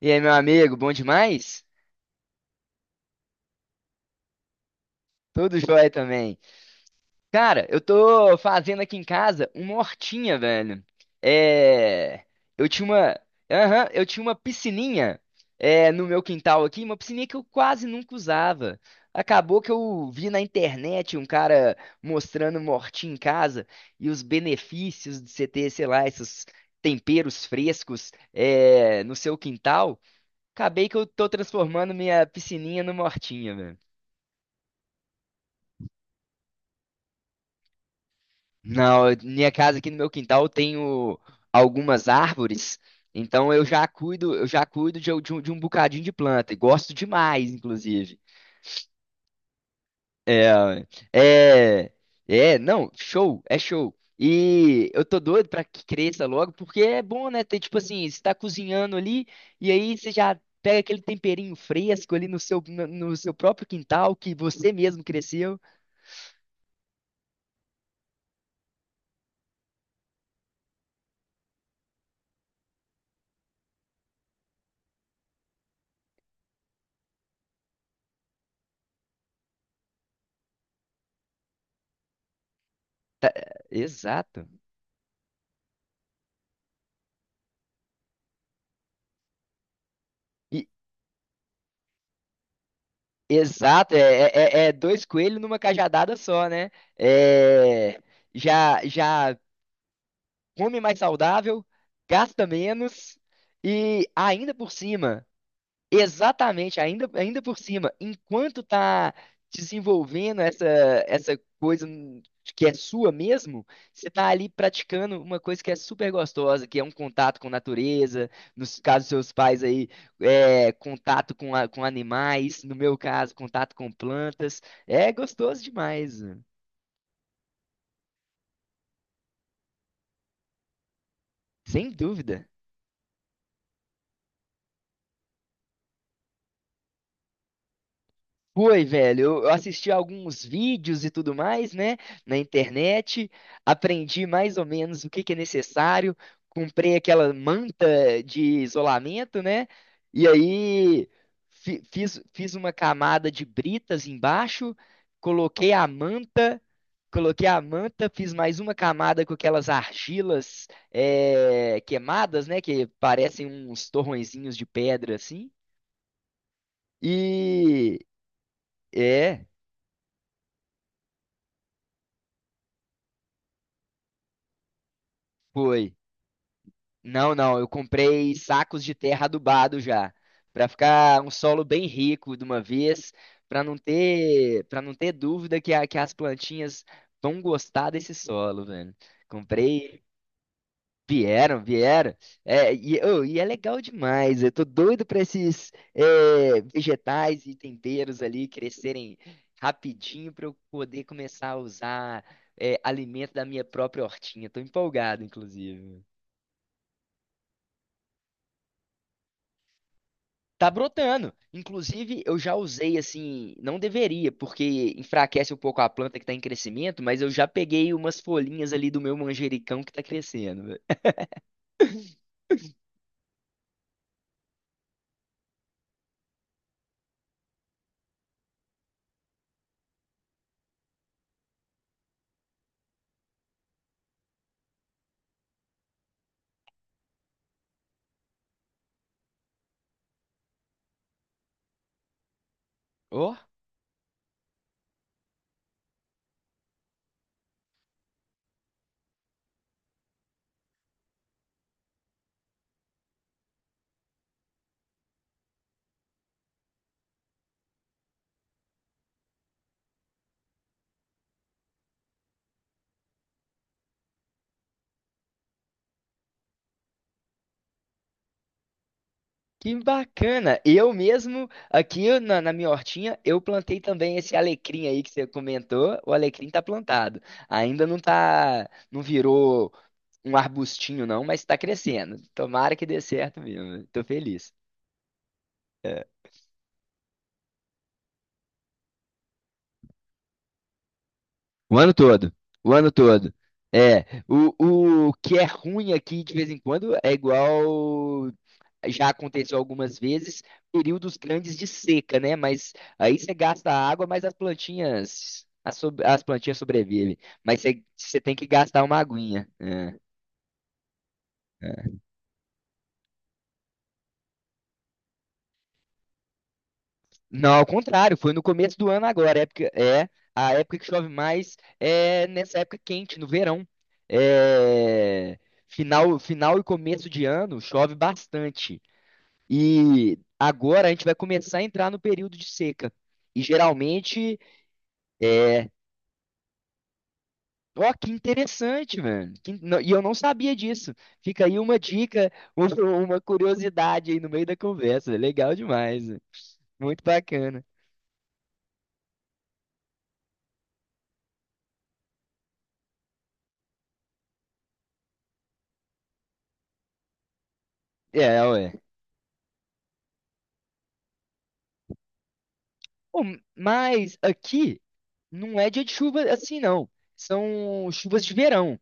E aí, meu amigo, bom demais? Tudo jóia também. Cara, eu tô fazendo aqui em casa uma hortinha, velho. É. Eu tinha uma. Aham, eu tinha uma piscininha no meu quintal aqui, uma piscininha que eu quase nunca usava. Acabou que eu vi na internet um cara mostrando uma hortinha em casa e os benefícios de você ter, sei lá, esses temperos frescos no seu quintal. Acabei que eu tô transformando minha piscininha numa hortinha. Não, minha casa aqui no meu quintal eu tenho algumas árvores, então eu já cuido de um bocadinho de planta, e gosto demais, inclusive. É, é, é, não, show, é show. E eu tô doido pra que cresça logo, porque é bom, né? Ter, tipo assim, você tá cozinhando ali, e aí você já pega aquele temperinho fresco ali no seu, no seu próprio quintal, que você mesmo cresceu. É, exato. Exato, é, é, é dois coelhos numa cajadada só, né? É, já, já come mais saudável, gasta menos e ainda por cima. Exatamente, ainda, ainda por cima, enquanto tá desenvolvendo essa, essa coisa que é sua mesmo, você tá ali praticando uma coisa que é super gostosa, que é um contato com natureza, nos casos dos seus pais aí, é, contato com, com animais, no meu caso, contato com plantas, é gostoso demais, mano. Sem dúvida. Foi, velho. Eu assisti alguns vídeos e tudo mais, né, na internet, aprendi mais ou menos o que que é necessário, comprei aquela manta de isolamento, né, e aí fiz uma camada de britas embaixo, coloquei a manta, coloquei a manta, fiz mais uma camada com aquelas argilas queimadas, né, que parecem uns torrõezinhos de pedra assim, e é, foi. Não, não, eu comprei sacos de terra adubado já. Pra ficar um solo bem rico de uma vez, pra não ter, para não ter dúvida que as plantinhas vão gostar desse solo, velho. Comprei, vieram, vieram. É, e, ô, e é legal demais. Eu tô doido pra esses vegetais e temperos ali crescerem rapidinho pra eu poder começar a usar alimento da minha própria hortinha. Tô empolgado, inclusive. Tá brotando. Inclusive, eu já usei assim, não deveria, porque enfraquece um pouco a planta que tá em crescimento, mas eu já peguei umas folhinhas ali do meu manjericão que tá crescendo, velho. Ó, que bacana. Eu mesmo, aqui na minha hortinha, eu plantei também esse alecrim aí que você comentou. O alecrim tá plantado. Ainda não tá, não virou um arbustinho não, mas tá crescendo. Tomara que dê certo mesmo, velho. Tô feliz. É. O ano todo. O ano todo. É, o que é ruim aqui de vez em quando é igual já aconteceu algumas vezes, períodos grandes de seca, né? Mas aí você gasta água, mas as plantinhas as plantinhas sobrevivem. Mas você, você tem que gastar uma aguinha. É. Não, ao contrário, foi no começo do ano agora, época, é a época que chove mais é nessa época quente, no verão. É, final, final e começo de ano chove bastante. E agora a gente vai começar a entrar no período de seca. E geralmente é. Ó, que interessante, mano. E eu não sabia disso. Fica aí uma dica, uma curiosidade aí no meio da conversa. Legal demais. Muito bacana. É, ué. Pô, mas aqui não é dia de chuva assim, não. São chuvas de verão.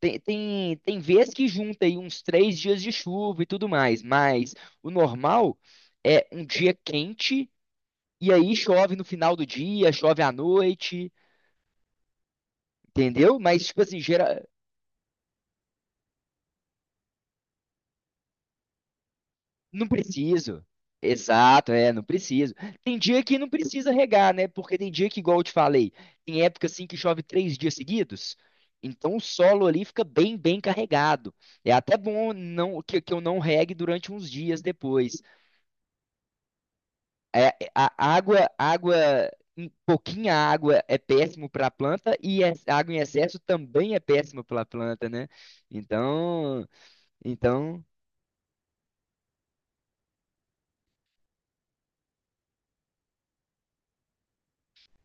Tem, tem, tem vez que junta aí uns três dias de chuva e tudo mais, mas o normal é um dia quente e aí chove no final do dia, chove à noite, entendeu? Mas, tipo assim, gera- Não preciso. Exato, é, não preciso. Tem dia que não precisa regar, né? Porque tem dia que, igual eu te falei, tem época assim que chove três dias seguidos. Então o solo ali fica bem, bem carregado. É até bom que eu não regue durante uns dias depois. É, a água, água, pouquinha água é péssimo para a planta e a água em excesso também é péssimo para a planta, né? Então, então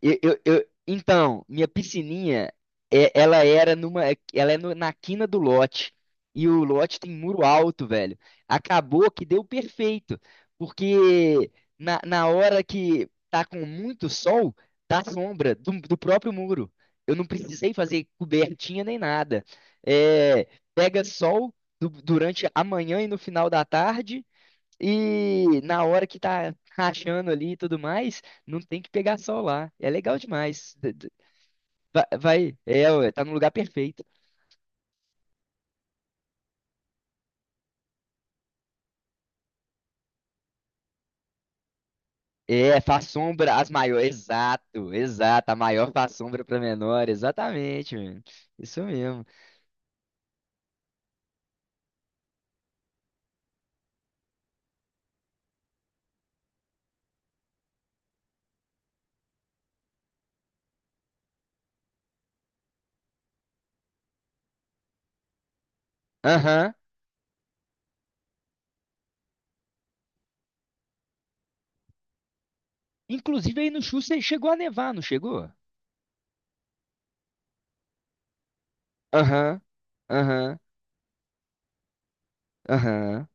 Então, minha piscininha, ela era numa, ela é na quina do lote. E o lote tem muro alto, velho. Acabou que deu perfeito. Porque na, na hora que tá com muito sol, tá sombra do, do próprio muro. Eu não precisei fazer cobertinha nem nada. É, pega sol durante a manhã e no final da tarde. E na hora que tá rachando ali e tudo mais, não tem que pegar sol lá. É legal demais. Vai, é, ué, tá no lugar perfeito. É, faz sombra às maiores. Exato, exato. A maior faz sombra pra menor. Exatamente, mano. Isso mesmo. Aham. Inclusive aí no Chussa chegou a nevar, não chegou? Aham, aham, aham.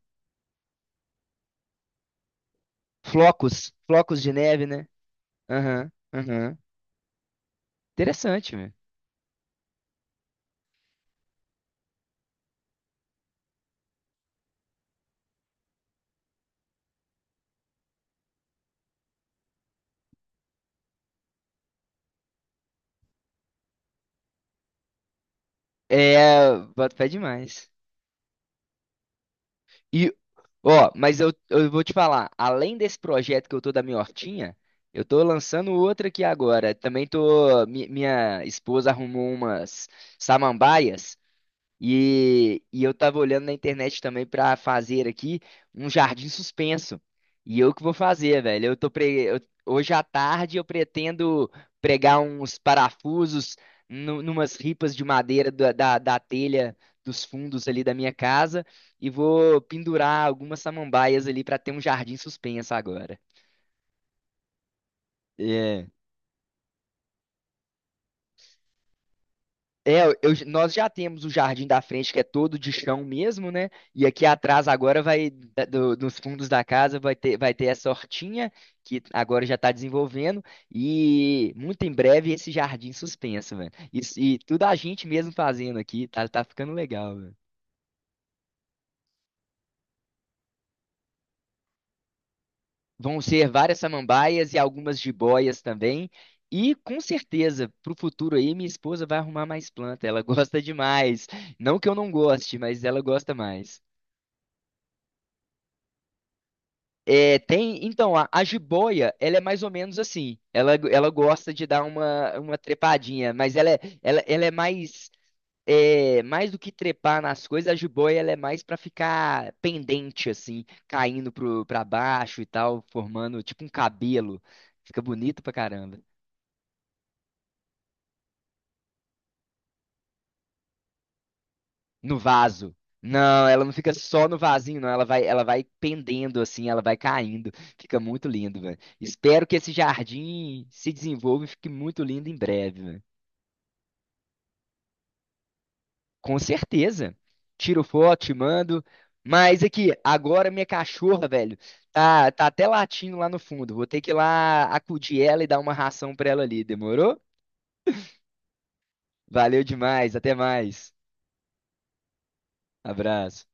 Flocos, flocos de neve, né? Aham, aham. Interessante, mano. É, boto pé demais. E, ó, mas eu vou te falar, além desse projeto que eu tô da minha hortinha, eu tô lançando outra aqui agora. Também tô, minha esposa arrumou umas samambaias e eu tava olhando na internet também pra fazer aqui um jardim suspenso. E eu que vou fazer, velho. Eu tô pre... eu- Hoje à tarde eu pretendo pregar uns parafusos numas ripas de madeira da telha dos fundos ali da minha casa e vou pendurar algumas samambaias ali pra ter um jardim suspenso agora. É, nós já temos o jardim da frente que é todo de chão mesmo, né? E aqui atrás agora vai, nos fundos da casa vai ter essa hortinha que agora já está desenvolvendo e muito em breve esse jardim suspenso, velho. Isso- E, tudo a gente mesmo fazendo aqui, tá, tá ficando legal, velho. Vão ser várias samambaias e algumas jiboias também. E com certeza, pro futuro aí, minha esposa vai arrumar mais planta. Ela gosta demais. Não que eu não goste, mas ela gosta mais. É, tem, então, a jiboia, ela é mais ou menos assim. Ela gosta de dar uma trepadinha, mas ela é, ela é, mais do que trepar nas coisas, a jiboia ela é mais pra ficar pendente, assim, caindo pra baixo e tal, formando tipo um cabelo. Fica bonito pra caramba. No vaso. Não, ela não fica só no vasinho, não. Ela vai pendendo assim, ela vai caindo. Fica muito lindo, velho. Espero que esse jardim se desenvolva e fique muito lindo em breve. Com certeza. Tiro foto, te mando. Mas aqui, agora minha cachorra, velho, tá, tá até latindo lá no fundo. Vou ter que ir lá acudir ela e dar uma ração pra ela ali. Demorou? Valeu demais. Até mais. Abraço.